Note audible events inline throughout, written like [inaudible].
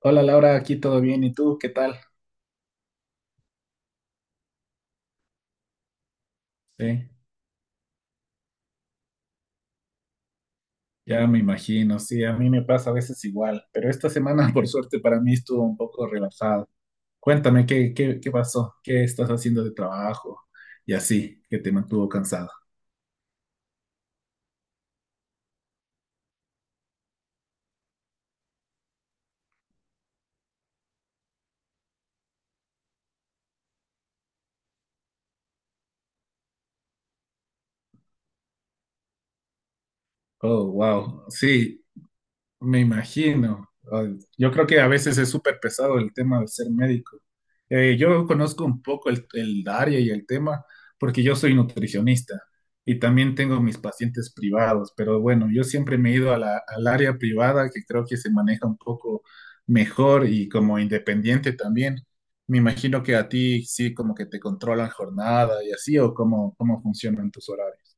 Hola Laura, aquí todo bien, ¿y tú qué tal? Sí, ya me imagino, sí, a mí me pasa a veces igual, pero esta semana [laughs] por suerte para mí estuvo un poco relajado. Cuéntame, ¿qué pasó? ¿Qué estás haciendo de trabajo? Y así, que te mantuvo cansado. Oh, wow, sí, me imagino. Ay, yo creo que a veces es súper pesado el tema de ser médico. Yo conozco un poco el área y el tema porque yo soy nutricionista y también tengo mis pacientes privados, pero bueno, yo siempre me he ido a al área privada que creo que se maneja un poco mejor y como independiente también. Me imagino que a ti sí como que te controlan jornada y así o cómo funcionan tus horarios.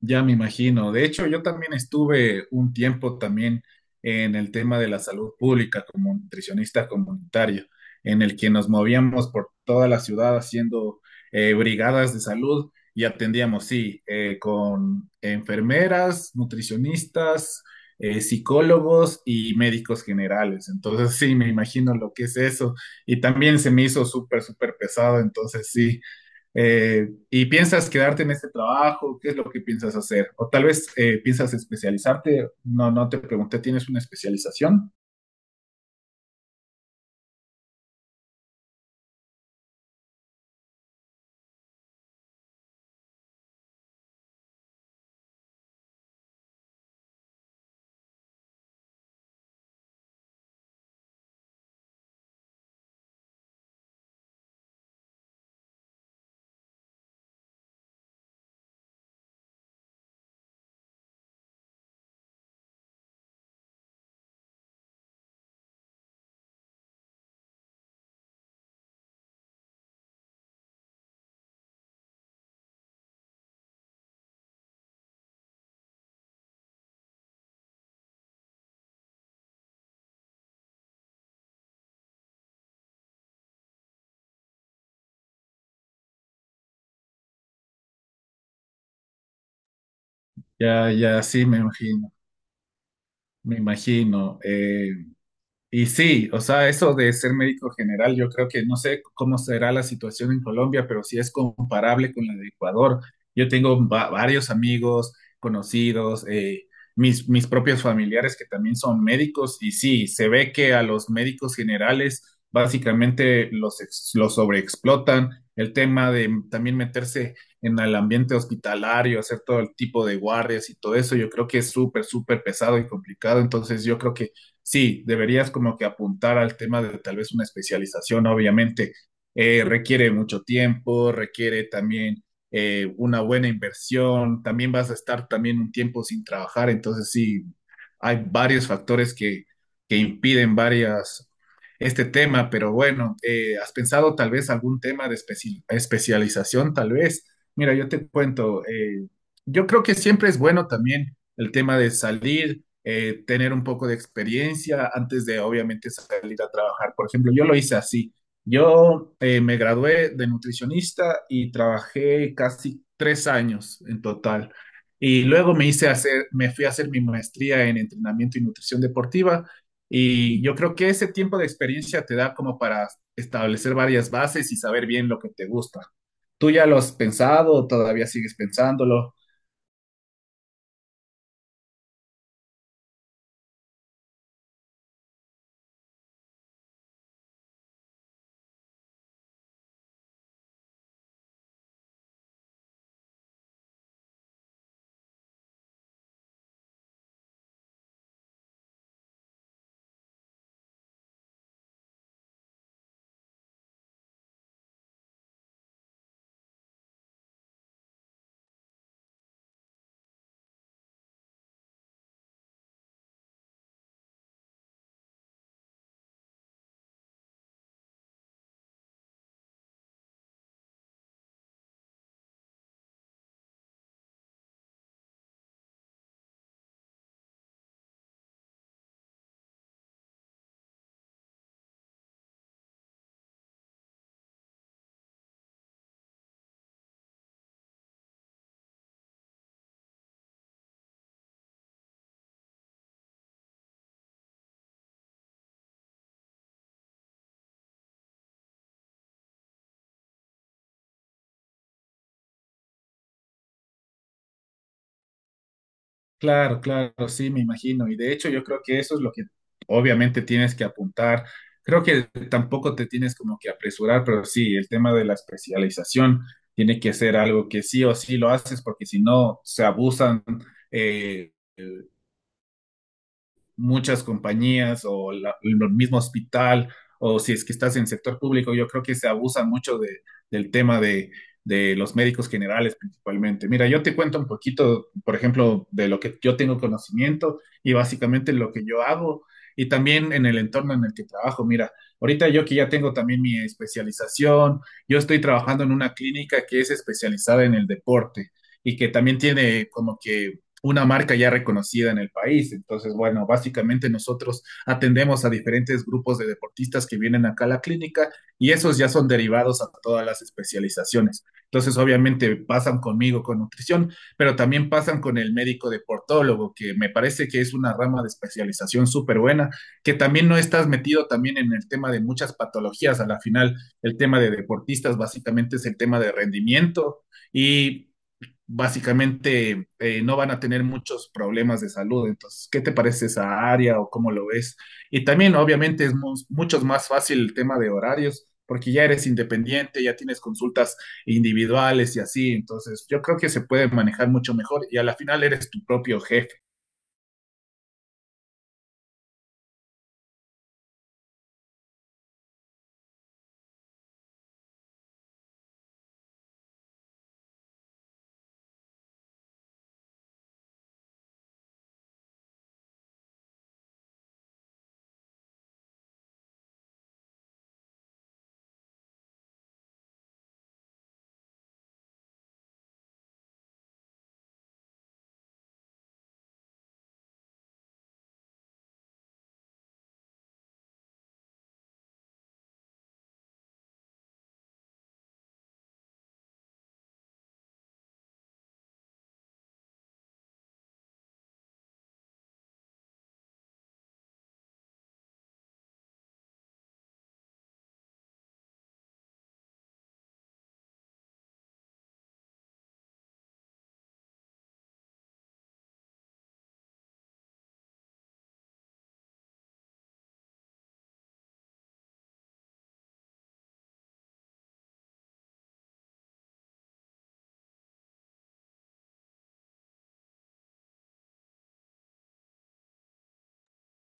Ya me imagino. De hecho, yo también estuve un tiempo también en el tema de la salud pública como nutricionista comunitario, en el que nos movíamos por toda la ciudad haciendo brigadas de salud y atendíamos, sí, con enfermeras, nutricionistas, psicólogos y médicos generales. Entonces, sí, me imagino lo que es eso. Y también se me hizo súper, súper pesado. Entonces, sí, y piensas quedarte en este trabajo, ¿qué es lo que piensas hacer? O tal vez piensas especializarte, no, no te pregunté, ¿tienes una especialización? Ya, ya sí, me imagino, me imagino. Y sí, o sea, eso de ser médico general, yo creo que no sé cómo será la situación en Colombia, pero sí es comparable con la de Ecuador. Yo tengo varios amigos, conocidos, mis propios familiares que también son médicos y sí, se ve que a los médicos generales básicamente los sobreexplotan. El tema de también meterse en el ambiente hospitalario, hacer todo el tipo de guardias y todo eso, yo creo que es súper, súper pesado y complicado. Entonces, yo creo que sí, deberías como que apuntar al tema de tal vez una especialización, obviamente. Requiere mucho tiempo, requiere también una buena inversión, también vas a estar también un tiempo sin trabajar, entonces sí, hay varios factores que impiden varias este tema, pero bueno, ¿has pensado tal vez algún tema de especialización? Tal vez, mira, yo te cuento, yo creo que siempre es bueno también el tema de salir tener un poco de experiencia antes de obviamente salir a trabajar. Por ejemplo, yo lo hice así. Yo me gradué de nutricionista y trabajé casi 3 años en total. Y luego me fui a hacer mi maestría en entrenamiento y nutrición deportiva. Y yo creo que ese tiempo de experiencia te da como para establecer varias bases y saber bien lo que te gusta. ¿Tú ya lo has pensado? ¿Todavía sigues pensándolo? Claro, claro, sí, me imagino. Y de hecho yo creo que eso es lo que obviamente tienes que apuntar. Creo que tampoco te tienes como que apresurar, pero sí, el tema de la especialización tiene que ser algo que sí o sí lo haces, porque si no, se abusan. eh, Muchas compañías o el mismo hospital o si es que estás en sector público, yo creo que se abusan mucho del tema de los médicos generales principalmente. Mira, yo te cuento un poquito, por ejemplo, de lo que yo tengo conocimiento y básicamente lo que yo hago y también en el entorno en el que trabajo. Mira, ahorita yo que ya tengo también mi especialización, yo estoy trabajando en una clínica que es especializada en el deporte y que también tiene como que una marca ya reconocida en el país. Entonces, bueno, básicamente nosotros atendemos a diferentes grupos de deportistas que vienen acá a la clínica y esos ya son derivados a todas las especializaciones. Entonces, obviamente pasan conmigo con nutrición, pero también pasan con el médico deportólogo, que me parece que es una rama de especialización súper buena, que también no estás metido también en el tema de muchas patologías. A la final, el tema de deportistas básicamente es el tema de rendimiento y básicamente no van a tener muchos problemas de salud. Entonces, ¿qué te parece esa área o cómo lo ves? Y también, obviamente, es mucho más fácil el tema de horarios, porque ya eres independiente, ya tienes consultas individuales y así. Entonces, yo creo que se puede manejar mucho mejor y a la final eres tu propio jefe.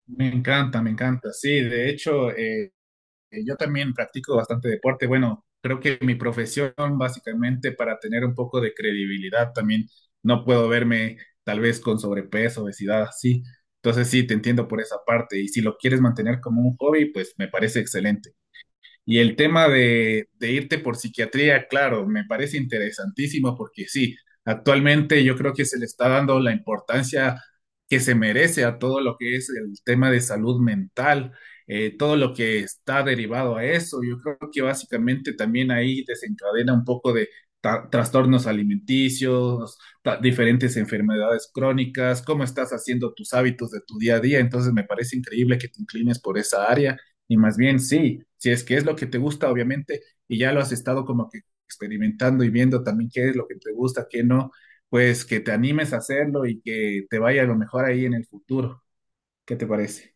Me encanta, me encanta. Sí, de hecho, yo también practico bastante deporte. Bueno, creo que mi profesión, básicamente, para tener un poco de credibilidad, también no puedo verme tal vez con sobrepeso, obesidad, así. Entonces sí, te entiendo por esa parte. Y si lo quieres mantener como un hobby, pues me parece excelente. Y el tema de irte por psiquiatría, claro, me parece interesantísimo porque sí, actualmente yo creo que se le está dando la importancia que se merece a todo lo que es el tema de salud mental, todo lo que está derivado a eso. Yo creo que básicamente también ahí desencadena un poco de trastornos alimenticios, diferentes enfermedades crónicas, cómo estás haciendo tus hábitos de tu día a día. Entonces me parece increíble que te inclines por esa área. Y más bien sí, si es que es lo que te gusta, obviamente, y ya lo has estado como que experimentando y viendo también qué es lo que te gusta, qué no, pues que te animes a hacerlo y que te vaya a lo mejor ahí en el futuro. ¿Qué te parece?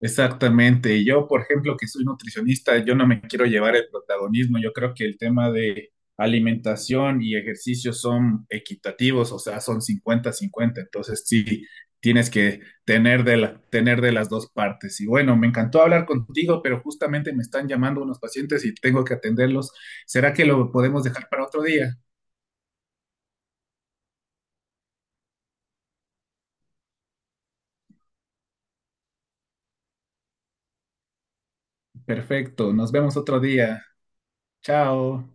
Exactamente. Y yo, por ejemplo, que soy nutricionista, yo no me quiero llevar el protagonismo. Yo creo que el tema de alimentación y ejercicio son equitativos, o sea, son 50-50. Entonces, sí, tienes que tener de las dos partes. Y bueno, me encantó hablar contigo, pero justamente me están llamando unos pacientes y tengo que atenderlos. ¿Será que lo podemos dejar para otro día? Perfecto. Nos vemos otro día. Chao.